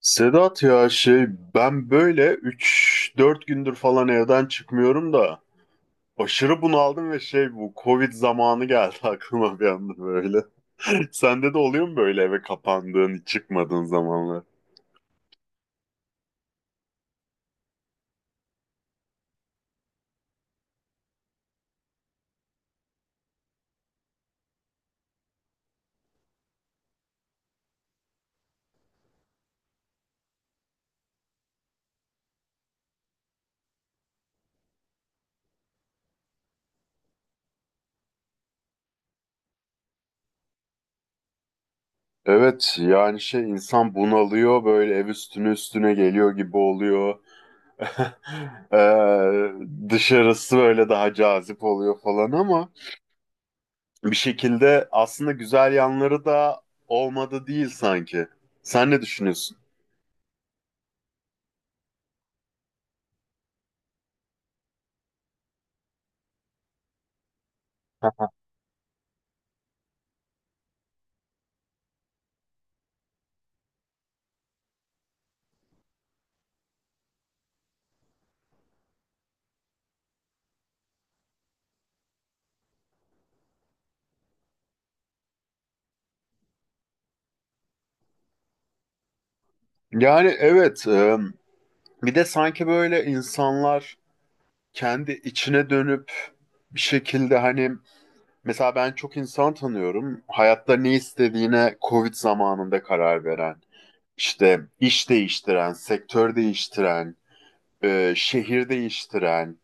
Sedat, ya ben böyle üç dört gündür falan evden çıkmıyorum da aşırı bunaldım ve bu Covid zamanı geldi aklıma bir anda böyle. Sende de oluyor mu böyle eve kapandığın hiç çıkmadığın zamanlar? Evet, yani insan bunalıyor, böyle ev üstüne üstüne geliyor gibi oluyor. Ee, dışarısı böyle daha cazip oluyor falan ama bir şekilde aslında güzel yanları da olmadı değil sanki. Sen ne düşünüyorsun? Yani evet, bir de sanki böyle insanlar kendi içine dönüp bir şekilde hani, mesela ben çok insan tanıyorum. Hayatta ne istediğine Covid zamanında karar veren, işte iş değiştiren, sektör değiştiren, şehir değiştiren,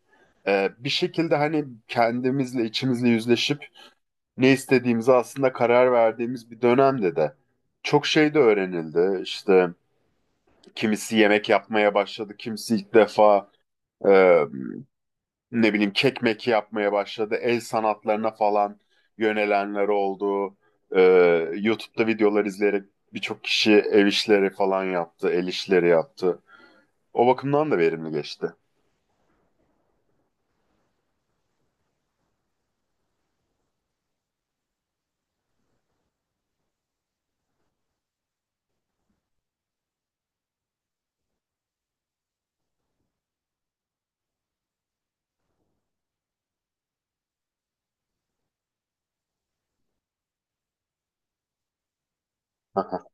bir şekilde hani kendimizle, içimizle yüzleşip ne istediğimize aslında karar verdiğimiz bir dönemde de çok şey de öğrenildi. İşte kimisi yemek yapmaya başladı, kimisi ilk defa e, ne bileyim kek meki yapmaya başladı. El sanatlarına falan yönelenler oldu. E, YouTube'da videolar izleyerek birçok kişi ev işleri falan yaptı, el işleri yaptı. O bakımdan da verimli geçti.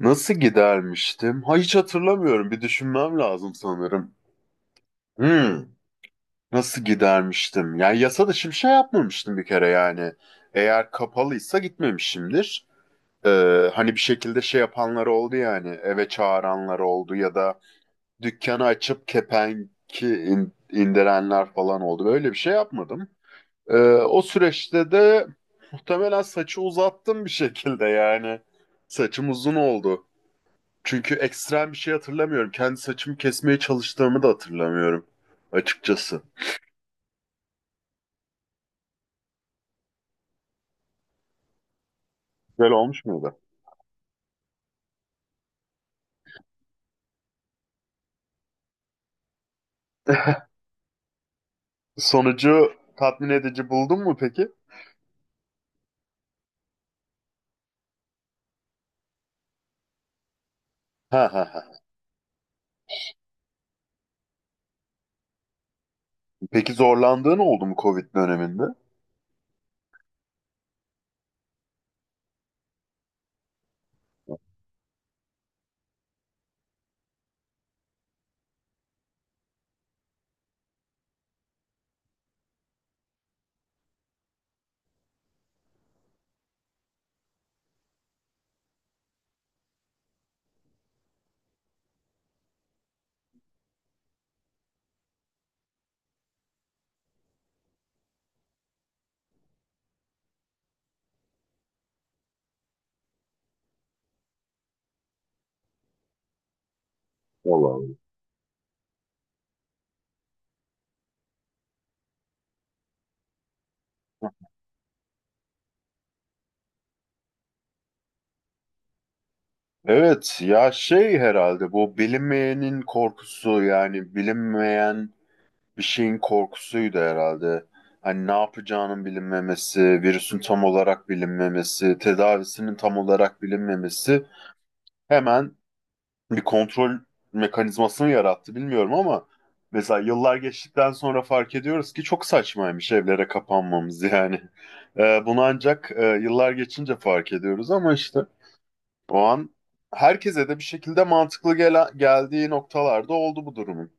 Nasıl gidermiştim? Ha, hiç hatırlamıyorum. Bir düşünmem lazım sanırım. Hmm. Nasıl gidermiştim? Yani yasa dışı bir şey yapmamıştım bir kere yani. Eğer kapalıysa gitmemişimdir. Hani bir şekilde şey yapanlar oldu yani. Eve çağıranlar oldu ya da dükkanı açıp kepenki indirenler falan oldu. Böyle bir şey yapmadım. Ee, o süreçte de muhtemelen saçı uzattım bir şekilde yani. Saçım uzun oldu. Çünkü ekstrem bir şey hatırlamıyorum. Kendi saçımı kesmeye çalıştığımı da hatırlamıyorum açıkçası. Güzel olmuş muydu? Sonucu tatmin edici buldun mu peki? Ha ha ha. Peki zorlandığın oldu mu Covid döneminde? Vallahi, oldu. Evet, ya herhalde bu bilinmeyenin korkusu, yani bilinmeyen bir şeyin korkusuydu herhalde. Hani ne yapacağının bilinmemesi, virüsün tam olarak bilinmemesi, tedavisinin tam olarak bilinmemesi hemen bir kontrol mekanizmasını yarattı, bilmiyorum, ama mesela yıllar geçtikten sonra fark ediyoruz ki çok saçmaymış evlere kapanmamız yani. Bunu ancak yıllar geçince fark ediyoruz ama işte o an herkese de bir şekilde mantıklı geldiği noktalarda oldu bu durumun.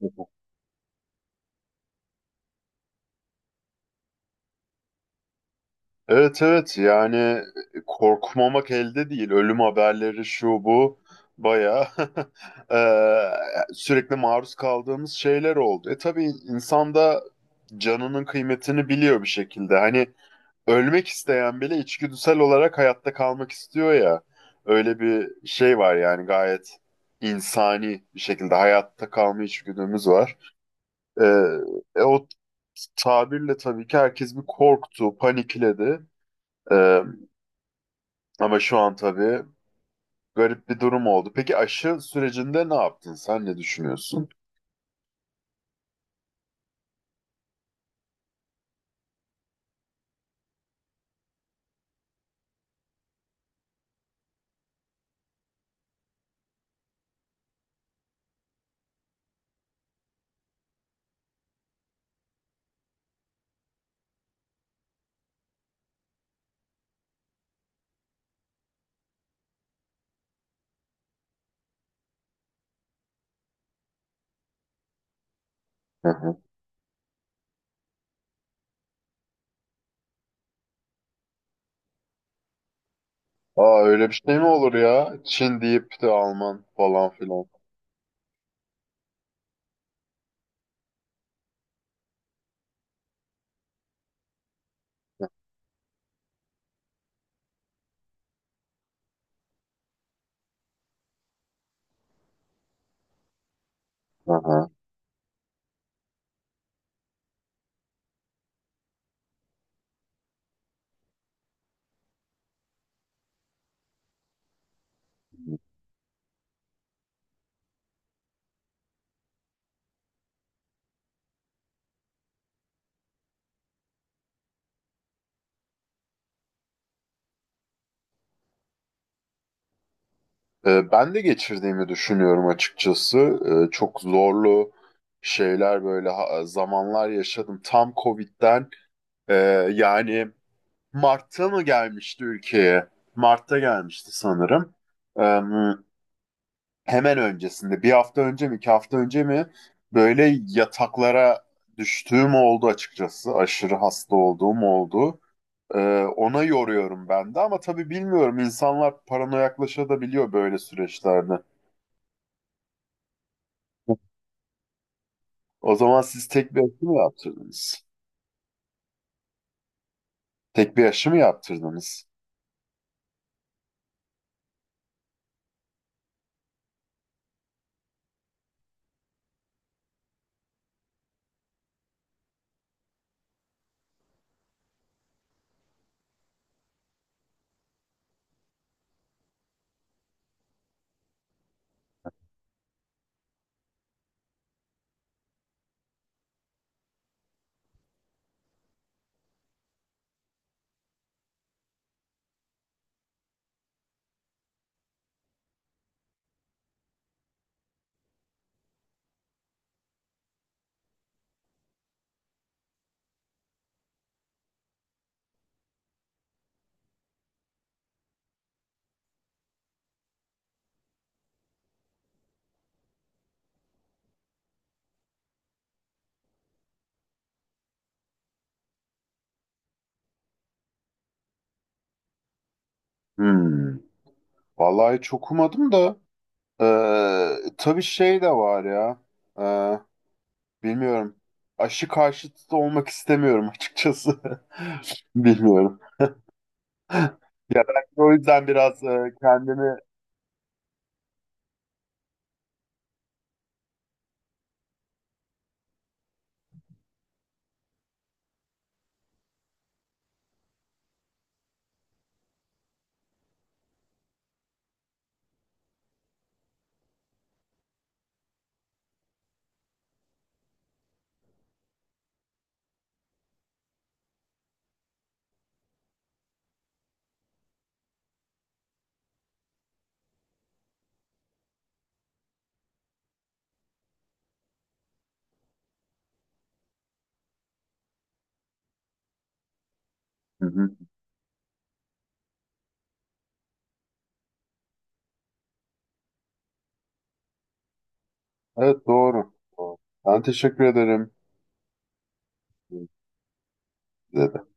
Evet, evet, yani korkmamak elde değil. Ölüm haberleri, şu bu, bayağı eee, sürekli maruz kaldığımız şeyler oldu. E tabii insan da canının kıymetini biliyor bir şekilde. Hani ölmek isteyen bile içgüdüsel olarak hayatta kalmak istiyor ya. Öyle bir şey var yani, gayet insani bir şekilde hayatta kalma içgüdümüz var. Eee, o tabirle tabii ki herkes bir korktu, panikledi. Ama şu an tabii garip bir durum oldu. Peki aşı sürecinde ne yaptın? Sen ne düşünüyorsun? Hı hı. Aa, öyle bir şey mi olur ya? Çin deyip de Alman falan filan. Hı hı. Ben de geçirdiğimi düşünüyorum açıkçası. Çok zorlu zamanlar yaşadım. Tam Covid'den e, yani Mart'ta mı gelmişti ülkeye? Mart'ta gelmişti sanırım. Hemen öncesinde bir hafta önce mi iki hafta önce mi böyle yataklara düştüğüm oldu açıkçası. Aşırı hasta olduğum oldu. Ee, ona yoruyorum ben de ama tabii bilmiyorum, insanlar paranoyaklaşabiliyor böyle süreçlerde. O zaman siz tek bir aşı mı yaptırdınız? Tek bir aşı mı yaptırdınız? Hmm. Vallahi çok umadım da tabii şey de var ya. Ee, bilmiyorum. Aşı karşıtı da olmak istemiyorum açıkçası. Bilmiyorum. Ya ben o yüzden biraz kendimi... Hı hı. Evet, doğru. Doğru. Ben teşekkür ederim. Size de.